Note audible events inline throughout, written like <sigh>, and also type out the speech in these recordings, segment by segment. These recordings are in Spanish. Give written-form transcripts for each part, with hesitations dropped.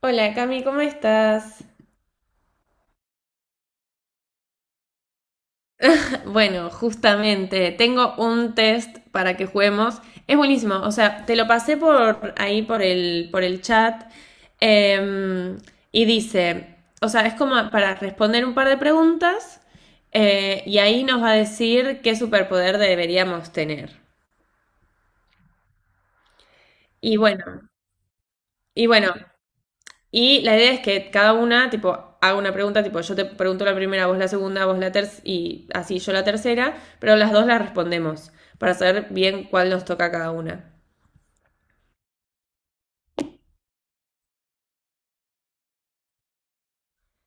Hola Cami, ¿cómo estás? <laughs> Bueno, justamente, tengo un test para que juguemos. Es buenísimo, o sea, te lo pasé por ahí por el chat em, y dice, o sea, es como para responder un par de preguntas y ahí nos va a decir qué superpoder deberíamos tener. Y bueno, y la idea es que cada una, tipo, haga una pregunta, tipo, yo te pregunto la primera, vos la segunda, vos la tercera, y así yo la tercera, pero las dos las respondemos para saber bien cuál nos toca a cada una.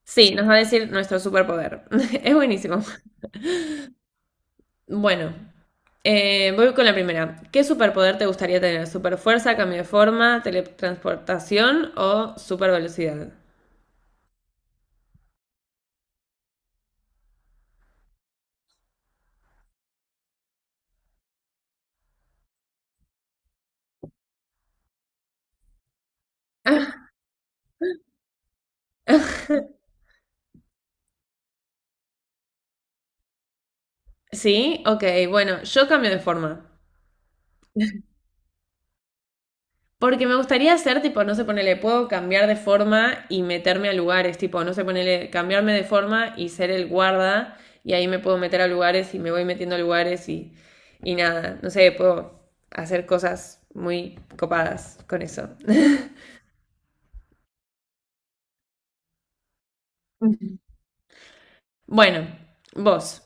Sí, nos va a decir nuestro superpoder. <laughs> Es buenísimo. Bueno, voy con la primera. ¿Qué superpoder te gustaría tener? ¿Superfuerza, cambio de forma, teletransportación o supervelocidad? Sí, ok, bueno, yo cambio de forma. Porque me gustaría hacer, tipo, no sé, ponele, puedo cambiar de forma y meterme a lugares, tipo, no sé, ponele, cambiarme de forma y ser el guarda, y ahí me puedo meter a lugares y me voy metiendo a lugares y nada, no sé, puedo hacer cosas muy copadas con eso. <laughs> Bueno, vos.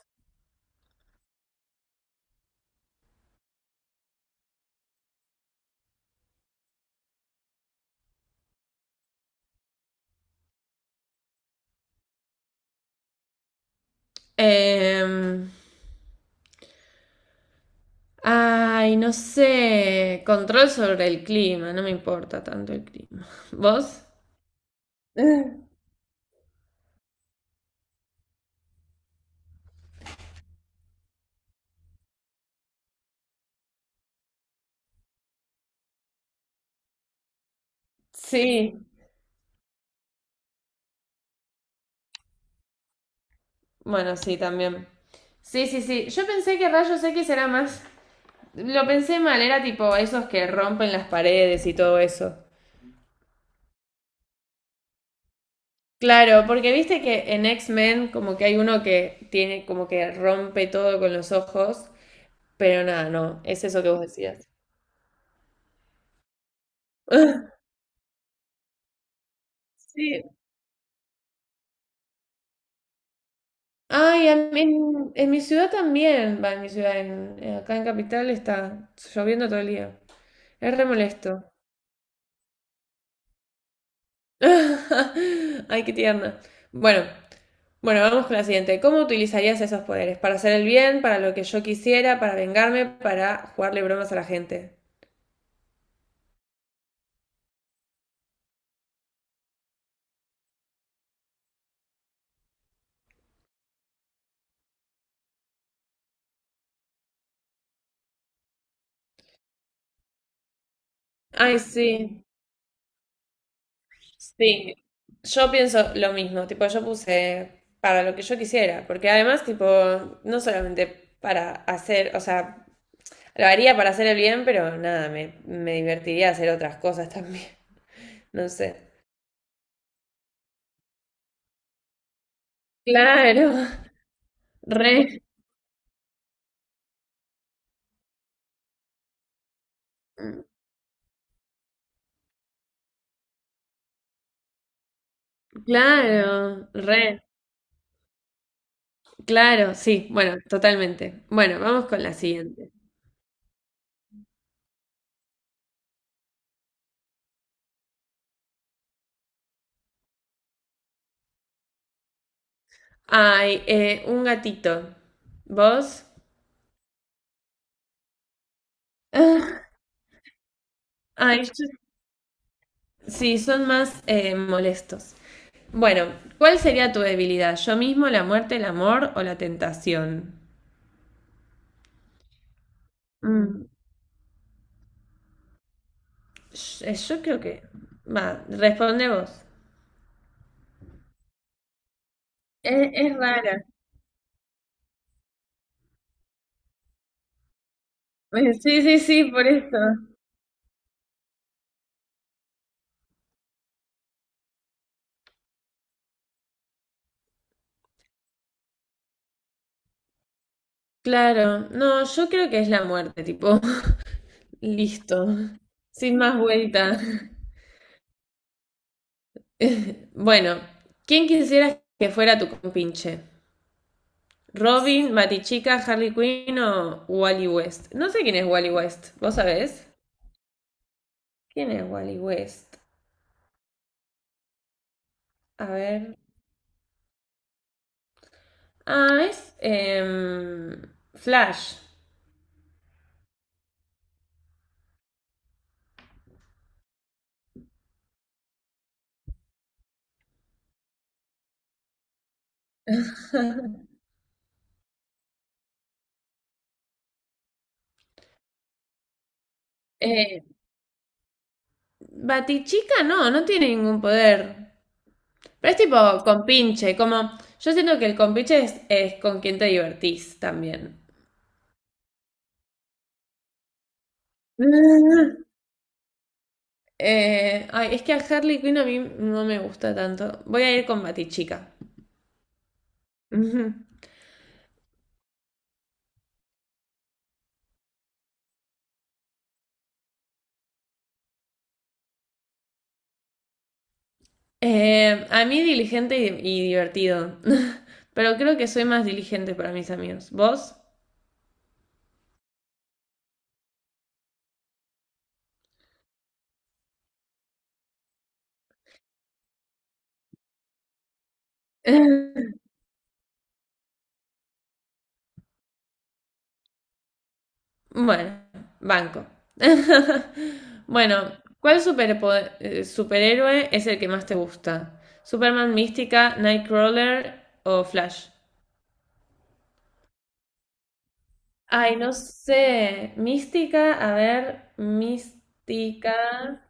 Em, Ay, no sé, control sobre el clima, no me importa tanto el clima. ¿Vos? <laughs> Sí. Bueno, sí, también. Sí, sí, sí. Yo pensé que rayos X era más. Lo pensé mal, era tipo esos que rompen las paredes y todo eso. Claro, porque viste que en X-Men como que hay uno que tiene como que rompe todo con los ojos, pero nada, no, es eso que vos decías. <laughs> Sí. Ay, en mi ciudad también, va, en mi ciudad, en- acá en Capital está lloviendo todo el día. Es re molesto. <laughs> Ay, qué tierna. Bueno, bueno, vamos con la siguiente. ¿Cómo utilizarías esos poderes? ¿Para hacer el bien? ¿Para lo que yo quisiera? ¿Para vengarme? ¿Para jugarle bromas a la gente? Ay, sí, sí. Yo pienso lo mismo, tipo, yo puse para lo que yo quisiera, porque además, tipo, no solamente para hacer, o sea, lo haría para hacer el bien, pero nada, me divertiría hacer otras cosas también, <laughs> no sé. Claro, re, claro, re. Claro, sí, bueno, totalmente. Bueno, vamos con la siguiente. Ay, un gatito. ¿Vos? <laughs> Ah, ay, sí, son más molestos. Bueno, ¿cuál sería tu debilidad? ¿Yo mismo, la muerte, el amor o la tentación? Mm, Yo creo que... Va, responde vos. Es rara. Sí, sí, sí, por esto. Claro, no, yo creo que es la muerte, tipo, <laughs> listo, sin más vuelta. Bueno, ¿quién quisieras que fuera tu compinche? ¿Robin, Matichica, Harley Quinn o Wally West? No sé quién es Wally West, ¿vos sabés? ¿Quién es Wally West? A ver. Ah, es Flash. <laughs> Eh, Batichica no tiene ningún poder. Pero es tipo compinche, como yo siento que el compinche es con quien te divertís también. <laughs> Ay, es que a Harley Quinn a mí no me gusta tanto. Voy a ir con Batichica. Ujú. A mí diligente y divertido. <laughs> Pero creo que soy más diligente para mis amigos. ¿Vos? <laughs> Bueno, banco. <laughs> Bueno, ¿cuál superhéroe es el que más te gusta? ¿Superman, Mística, Nightcrawler o Flash? Ay, no sé. Mística, a ver, Mística.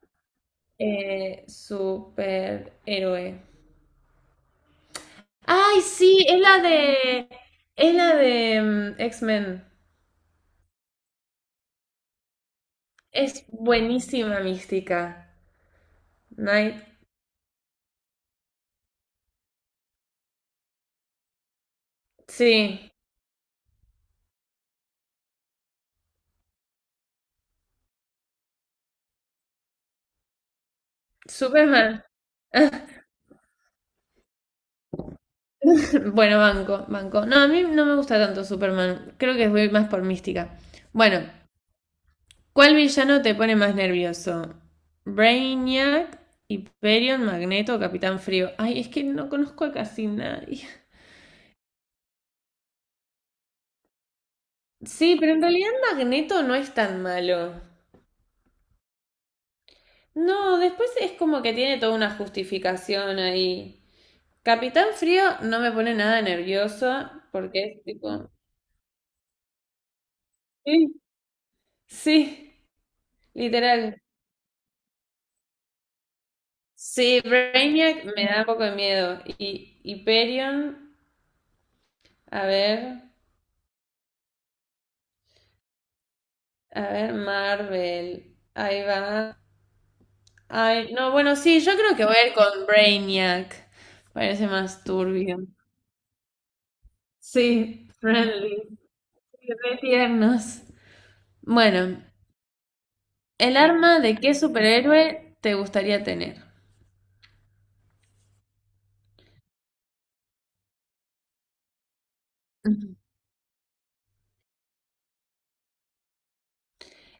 Superhéroe. ¡Ay, sí! Es la de. Es la de X-Men. Es buenísima mística. Night. Sí. Superman. <laughs> Bueno, banco, banco. No, a mí no me gusta tanto Superman. Creo que voy más por mística. Bueno, ¿cuál villano te pone más nervioso? Brainiac, Hyperion, Magneto, Capitán Frío. Ay, es que no conozco a casi nadie. Sí, pero en realidad Magneto no es tan malo. No, después es como que tiene toda una justificación ahí. Capitán Frío no me pone nada nervioso porque es tipo... Sí, sí, literal. Sí, Brainiac me da un poco de miedo. Y Hyperion, a ver, a ver, Marvel. Ahí va. Ay, no, bueno, sí, yo creo que voy a ir con Brainiac. Parece más turbio. Sí, friendly. Re tiernos. Bueno, ¿el arma de qué superhéroe te gustaría tener? Ujú.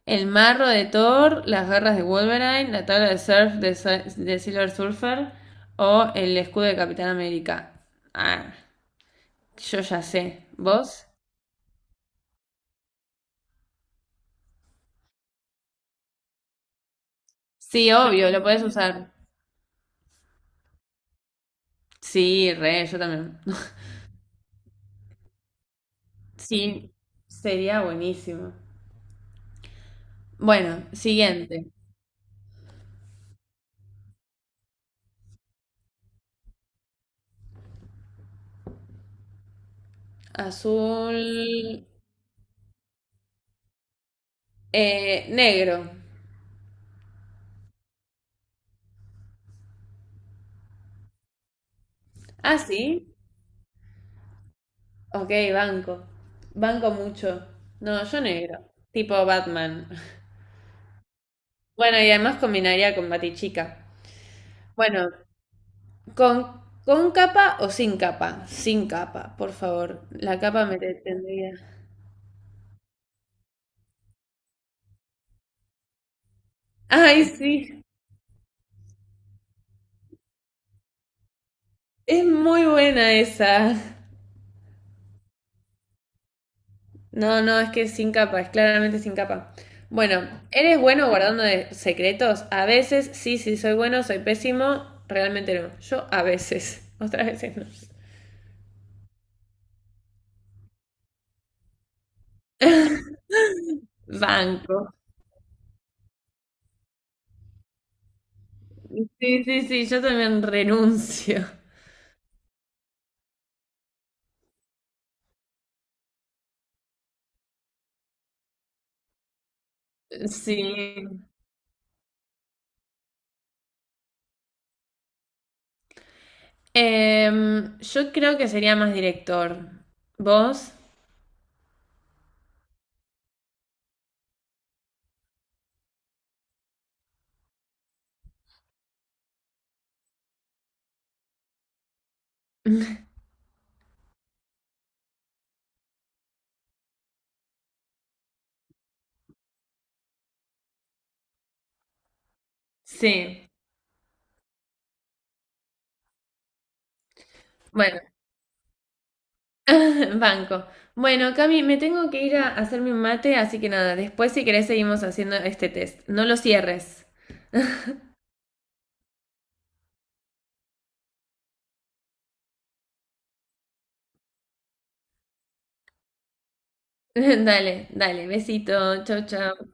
El marro de Thor, las garras de Wolverine, la tabla de surf de, de Silver Surfer o el escudo de Capitán América. Ah, yo ya sé. ¿Vos? Sí, obvio, lo podés usar. Sí, re, yo también. <laughs> Sí, sería buenísimo. Bueno, siguiente. Azul, negro. Ah, sí. Ok, banco. Banco mucho. No, yo negro. Tipo Batman. <laughs> Bueno, y además combinaría con Batichica. Bueno, con capa o sin capa. Sin capa, por favor. La capa me detendría. <laughs> Ay, sí. Es muy buena esa. No, no, es que es sin capa. Es claramente sin capa. Bueno, ¿eres bueno guardando secretos? A veces, sí, sí, soy bueno, soy pésimo. Realmente no. Yo a veces. <laughs> Otras veces no. Banco. Sí, sí, sí, yo también renuncio. Sí. Yo creo que sería más director. ¿Vos? Sí. Bueno, <laughs> banco. Bueno, Cami, me tengo que ir a hacerme un mate, así que nada, después si querés seguimos haciendo este test. No lo cierres. <laughs> Dale, dale, besito, chau, chau.